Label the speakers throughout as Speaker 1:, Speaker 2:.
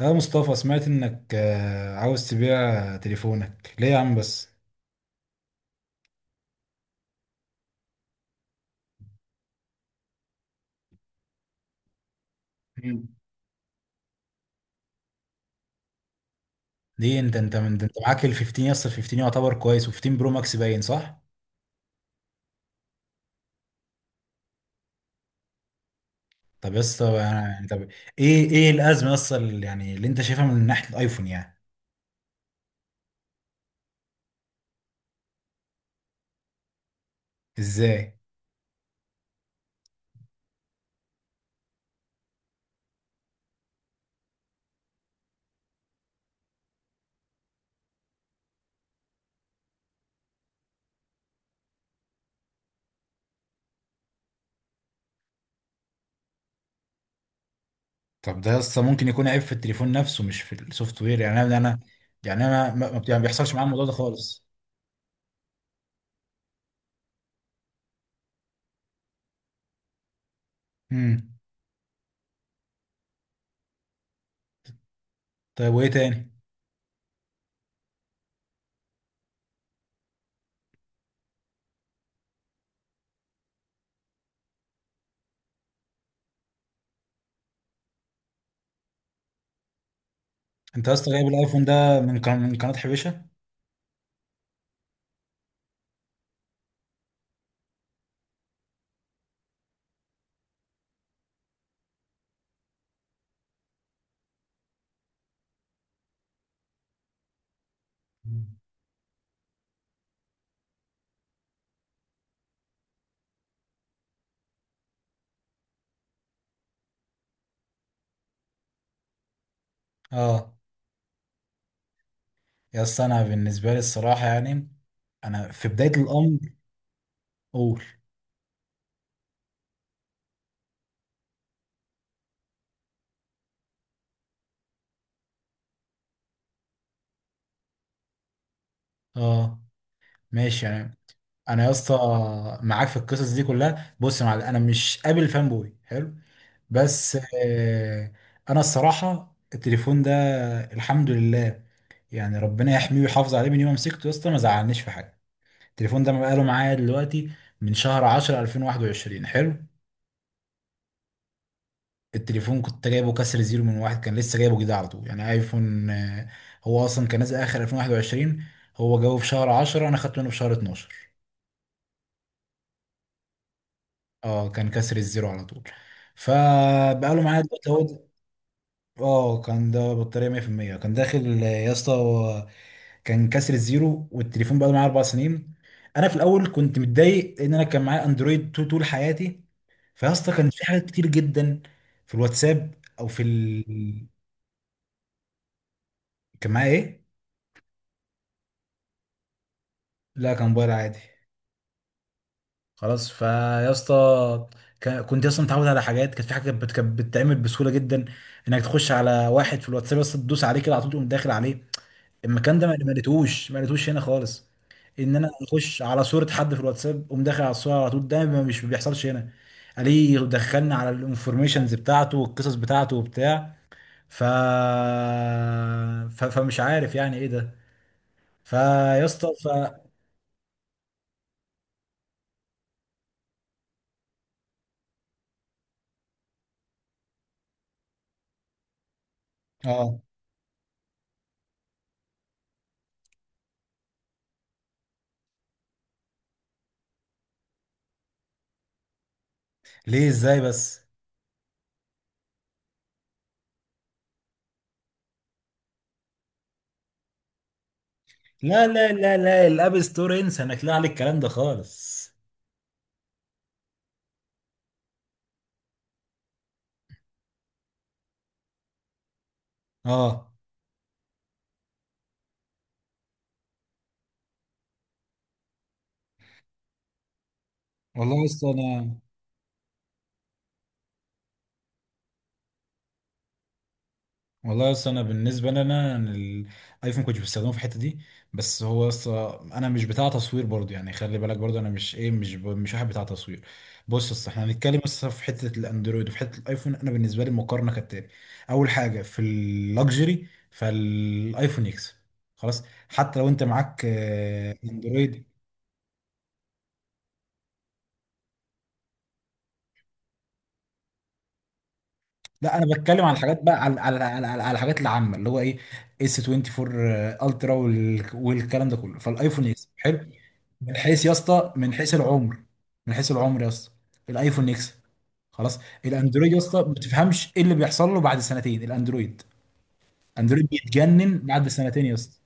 Speaker 1: يا مصطفى، سمعت انك عاوز تبيع تليفونك ليه يا عم؟ بس مم. ليه؟ انت من ده، انت معاك ال 15 يا اسطى، ال 15 يعتبر كويس، و15 برو ماكس باين، صح؟ طب يا اسطى، يعني طب، ايه الازمه يا اسطى يعني اللي انت شايفها من ناحيه الايفون يعني؟ ازاي؟ طب ده يا اسطى ممكن يكون عيب في التليفون نفسه، مش في السوفت وير. يعني انا يعني انا ما ما- يعني ما بيحصلش معايا الموضوع ده خالص. امم. طيب وايه تاني؟ انت يا اسطى جايب الايفون ده من قناه، من قناه حبيشه؟ مم. اه. يا اسطى انا بالنسبه لي الصراحه يعني، انا في بدايه الامر اقول اه، ماشي. يعني انا يا اسطى معاك في القصص دي كلها. بص يا معلم، انا مش قابل فان بوي، حلو؟ بس آه انا الصراحه التليفون ده، الحمد لله، يعني ربنا يحميه ويحافظ عليه، من يوم ما مسكته يا اسطى ما زعلنيش في حاجه. التليفون ده بقاله معايا دلوقتي من شهر 10 2021، حلو. التليفون كنت جايبه كسر زيرو من واحد، كان لسه جايبه جديد على طول، يعني ايفون. هو اصلا كان نازل اخر 2021، هو جابه في شهر 10، انا خدته منه في شهر 12. اه، كان كسر الزيرو على طول. فبقاله معايا دلوقتي اهو. اه كان ده بطارية 100% كان داخل. يا اسطى هو كان كسر الزيرو، والتليفون بقاله معايا 4 سنين. انا في الاول كنت متضايق، لان انا كان معايا اندرويد طول، طول حياتي. فيا اسطى كان في حاجات كتير جدا في الواتساب، او في ال... كان معايا ايه؟ لا كان موبايل عادي. خلاص، فيا اسطى كنت اصلا متعود على حاجات، كانت في حاجه كانت كانت بتتعمل بسهوله جدا، انك تخش على واحد في الواتساب، بس تدوس عليه كده على طول تقوم داخل عليه. المكان ده ما لقيتهوش، ما لقيتهوش هنا خالص. ان انا اخش على صوره حد في الواتساب، اقوم داخل على الصوره على طول، ده مش ما بيحصلش هنا. عليه دخلنا على الانفورميشنز بتاعته والقصص بتاعته وبتاع، ف... فمش عارف يعني ايه ده. فيا اسطى ف، اه. ليه؟ ازاي بس؟ لا لا لا لا، الاب ستور انسى، انا اكلها على الكلام ده خالص. اه. والله اصل انا والله اصل انا بالنسبه لي، انا الايفون كنت بستخدمه في الحته دي، بس هو اصل انا مش بتاع تصوير برضو. يعني خلي بالك، برضو انا مش ايه، مش مش واحد بتاع تصوير. بص اصل احنا هنتكلم، اصل في حته الاندرويد وفي حته الايفون، انا بالنسبه لي المقارنه كالتالي. اول حاجه في اللكجري، فالايفون يكسب، خلاص. حتى لو انت معاك اندرويد. لا انا بتكلم على الحاجات بقى، على الحاجات العامه اللي هو ايه، اس 24 الترا والكلام ده كله، فالايفون اكس حلو من حيث يا اسطى، من حيث العمر، من حيث العمر يا اسطى، الايفون اكس خلاص. الاندرويد يا اسطى ما بتفهمش ايه اللي بيحصل له بعد سنتين. الاندرويد، اندرويد بيتجنن بعد سنتين يا اسطى.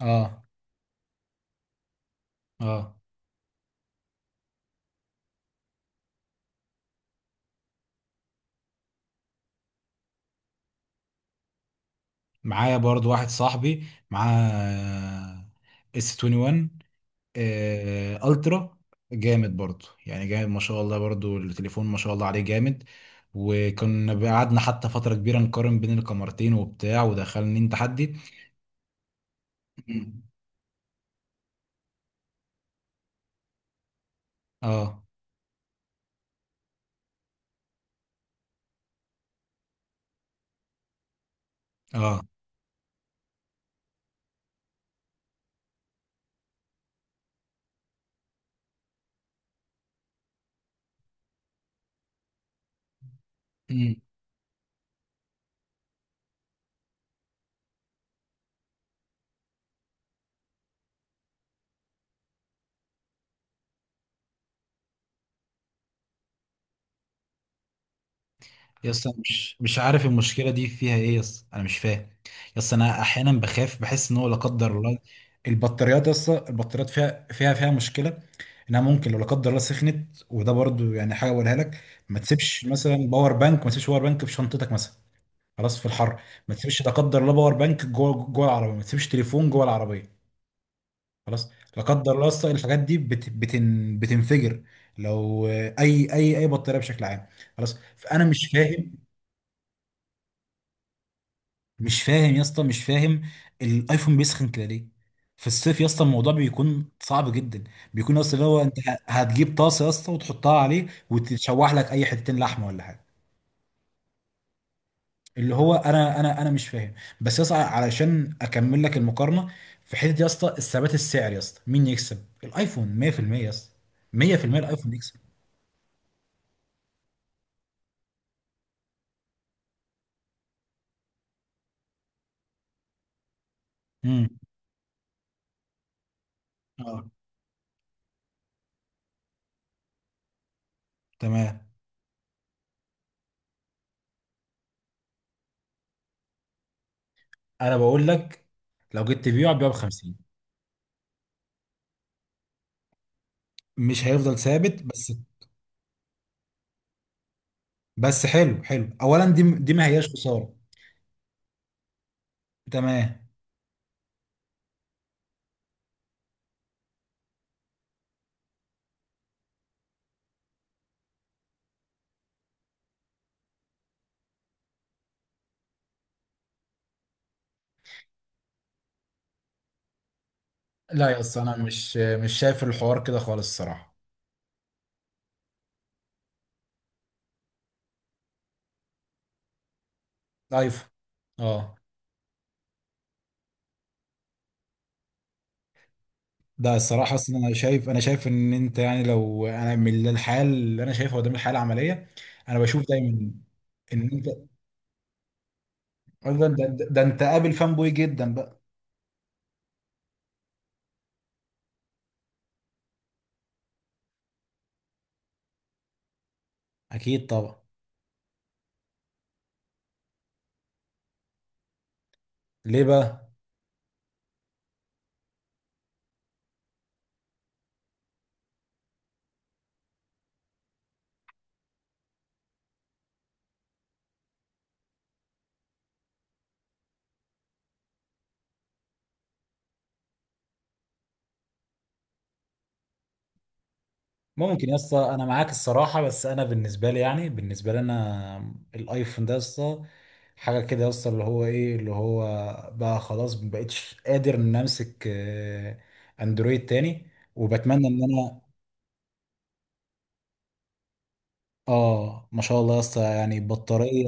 Speaker 1: اه، اه. معايا برضو واحد صاحبي معاه اس 21 الترا، جامد برضو، يعني جامد ما شاء الله، برضو التليفون ما شاء الله عليه جامد. وكنا قعدنا حتى فترة كبيرة نقارن بين الكاميرتين وبتاع، ودخلني تحدي. مم. اه، اه. مم. يس، أنا مش عارف المشكلة دي فيها ايه، يس انا مش فاهم. يس انا احيانا بخاف، بحس ان هو لا قدر الله البطاريات، يس البطاريات فيها مشكلة، انها ممكن لو لا قدر الله سخنت. وده برضو يعني حاجة اقولها لك، ما تسيبش مثلا باور بانك، ما تسيبش باور بانك في شنطتك مثلا، خلاص، في الحر. ما تسيبش لا قدر الله باور بانك جوه، جوه العربيه، ما تسيبش تليفون جوه العربيه، خلاص. لا قدر الله أصلاً الحاجات دي بت بتن بتنفجر لو اي بطاريه بشكل عام. خلاص، فانا مش فاهم. مش فاهم يا اسطى، مش فاهم. الايفون بيسخن كده ليه؟ في الصيف يا اسطى الموضوع بيكون صعب جدا، بيكون اصلا اللي هو انت هتجيب طاسه يا اسطى وتحطها عليه وتشوح لك اي حتتين لحمه ولا حاجه، اللي هو انا مش فاهم. بس يا اسطى علشان اكمل لك المقارنه، في حته يا اسطى الثبات السعري يا اسطى مين يكسب؟ الايفون 100% يا اسطى، 100%. الايفون يكسب. امم. اه، تمام. انا بقول لك، لو جيت تبيعه هتبيعه ب 50. مش هيفضل ثابت بس؟ بس حلو، حلو. اولا دي، دي ما هياش خساره. تمام. لا يا اسطى، انا مش شايف الحوار كده خالص الصراحه. ايفون، اه. ده الصراحة أصلا أنا شايف، أنا شايف إن أنت، يعني لو أنا من الحياة اللي أنا شايفها قدام الحياة العملية، أنا بشوف دايما إن أنت أصلا ده أنت قابل فان بوي جدا بقى. أكيد طبعا. ليه بقى؟ ممكن يا اسطى أنا معاك الصراحة، بس أنا بالنسبة لي يعني، بالنسبة لي أنا الأيفون ده يا اسطى حاجة كده يا اسطى، اللي هو إيه، اللي هو بقى خلاص ما بقتش قادر إن أمسك أندرويد تاني، وبتمنى إن أنا، آه ما شاء الله يا اسطى، يعني بطارية.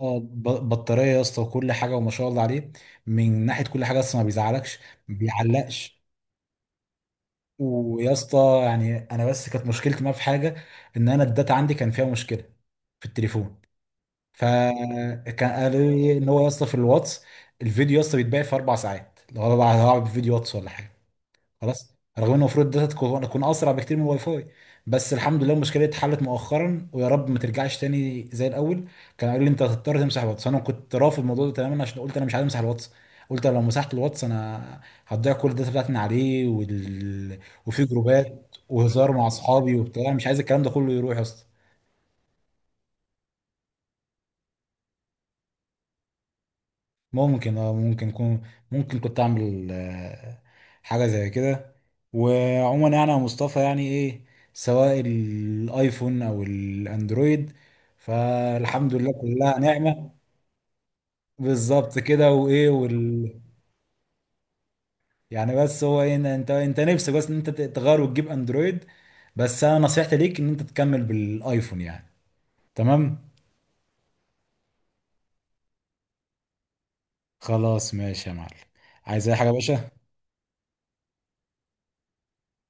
Speaker 1: اه، بطاريه يا اسطى وكل حاجه، وما شاء الله عليه. من ناحيه كل حاجه اصلا ما بيزعلكش، ما بيعلقش. ويا اسطى يعني انا بس كانت مشكلتي معاه في حاجه، ان انا الداتا عندي كان فيها مشكله في التليفون، فكان قالوا لي ان هو يا اسطى في الواتس الفيديو يا اسطى بيتباع في 4 ساعات، لو انا بقى هلعب فيديو واتس ولا حاجه، خلاص. رغم ان المفروض ده تكون اسرع بكتير من الواي فاي. بس الحمد لله المشكله دي اتحلت مؤخرا، ويا رب ما ترجعش تاني زي الاول. كان قال لي انت هتضطر تمسح الواتس، انا كنت رافض الموضوع ده تماما عشان قلت انا مش عايز امسح الواتس، قلت لو مسحت الواتس انا هتضيع كل الداتا بتاعتي من عليه وفي جروبات وهزار مع اصحابي وبتاع، مش عايز الكلام ده كله يروح يا اسطى. ممكن، اه، ممكن كون، ممكن كنت اعمل حاجه زي كده. وعموما يعني يا مصطفى، يعني ايه، سواء الايفون او الاندرويد، فالحمد لله كلها نعمه. بالظبط كده. وايه وال، يعني بس هو إيه، إن انت، انت نفسك بس ان انت تغير وتجيب اندرويد. بس انا نصيحتي ليك ان انت تكمل بالايفون يعني. تمام، خلاص ماشي يا معلم. عايز اي حاجه يا باشا؟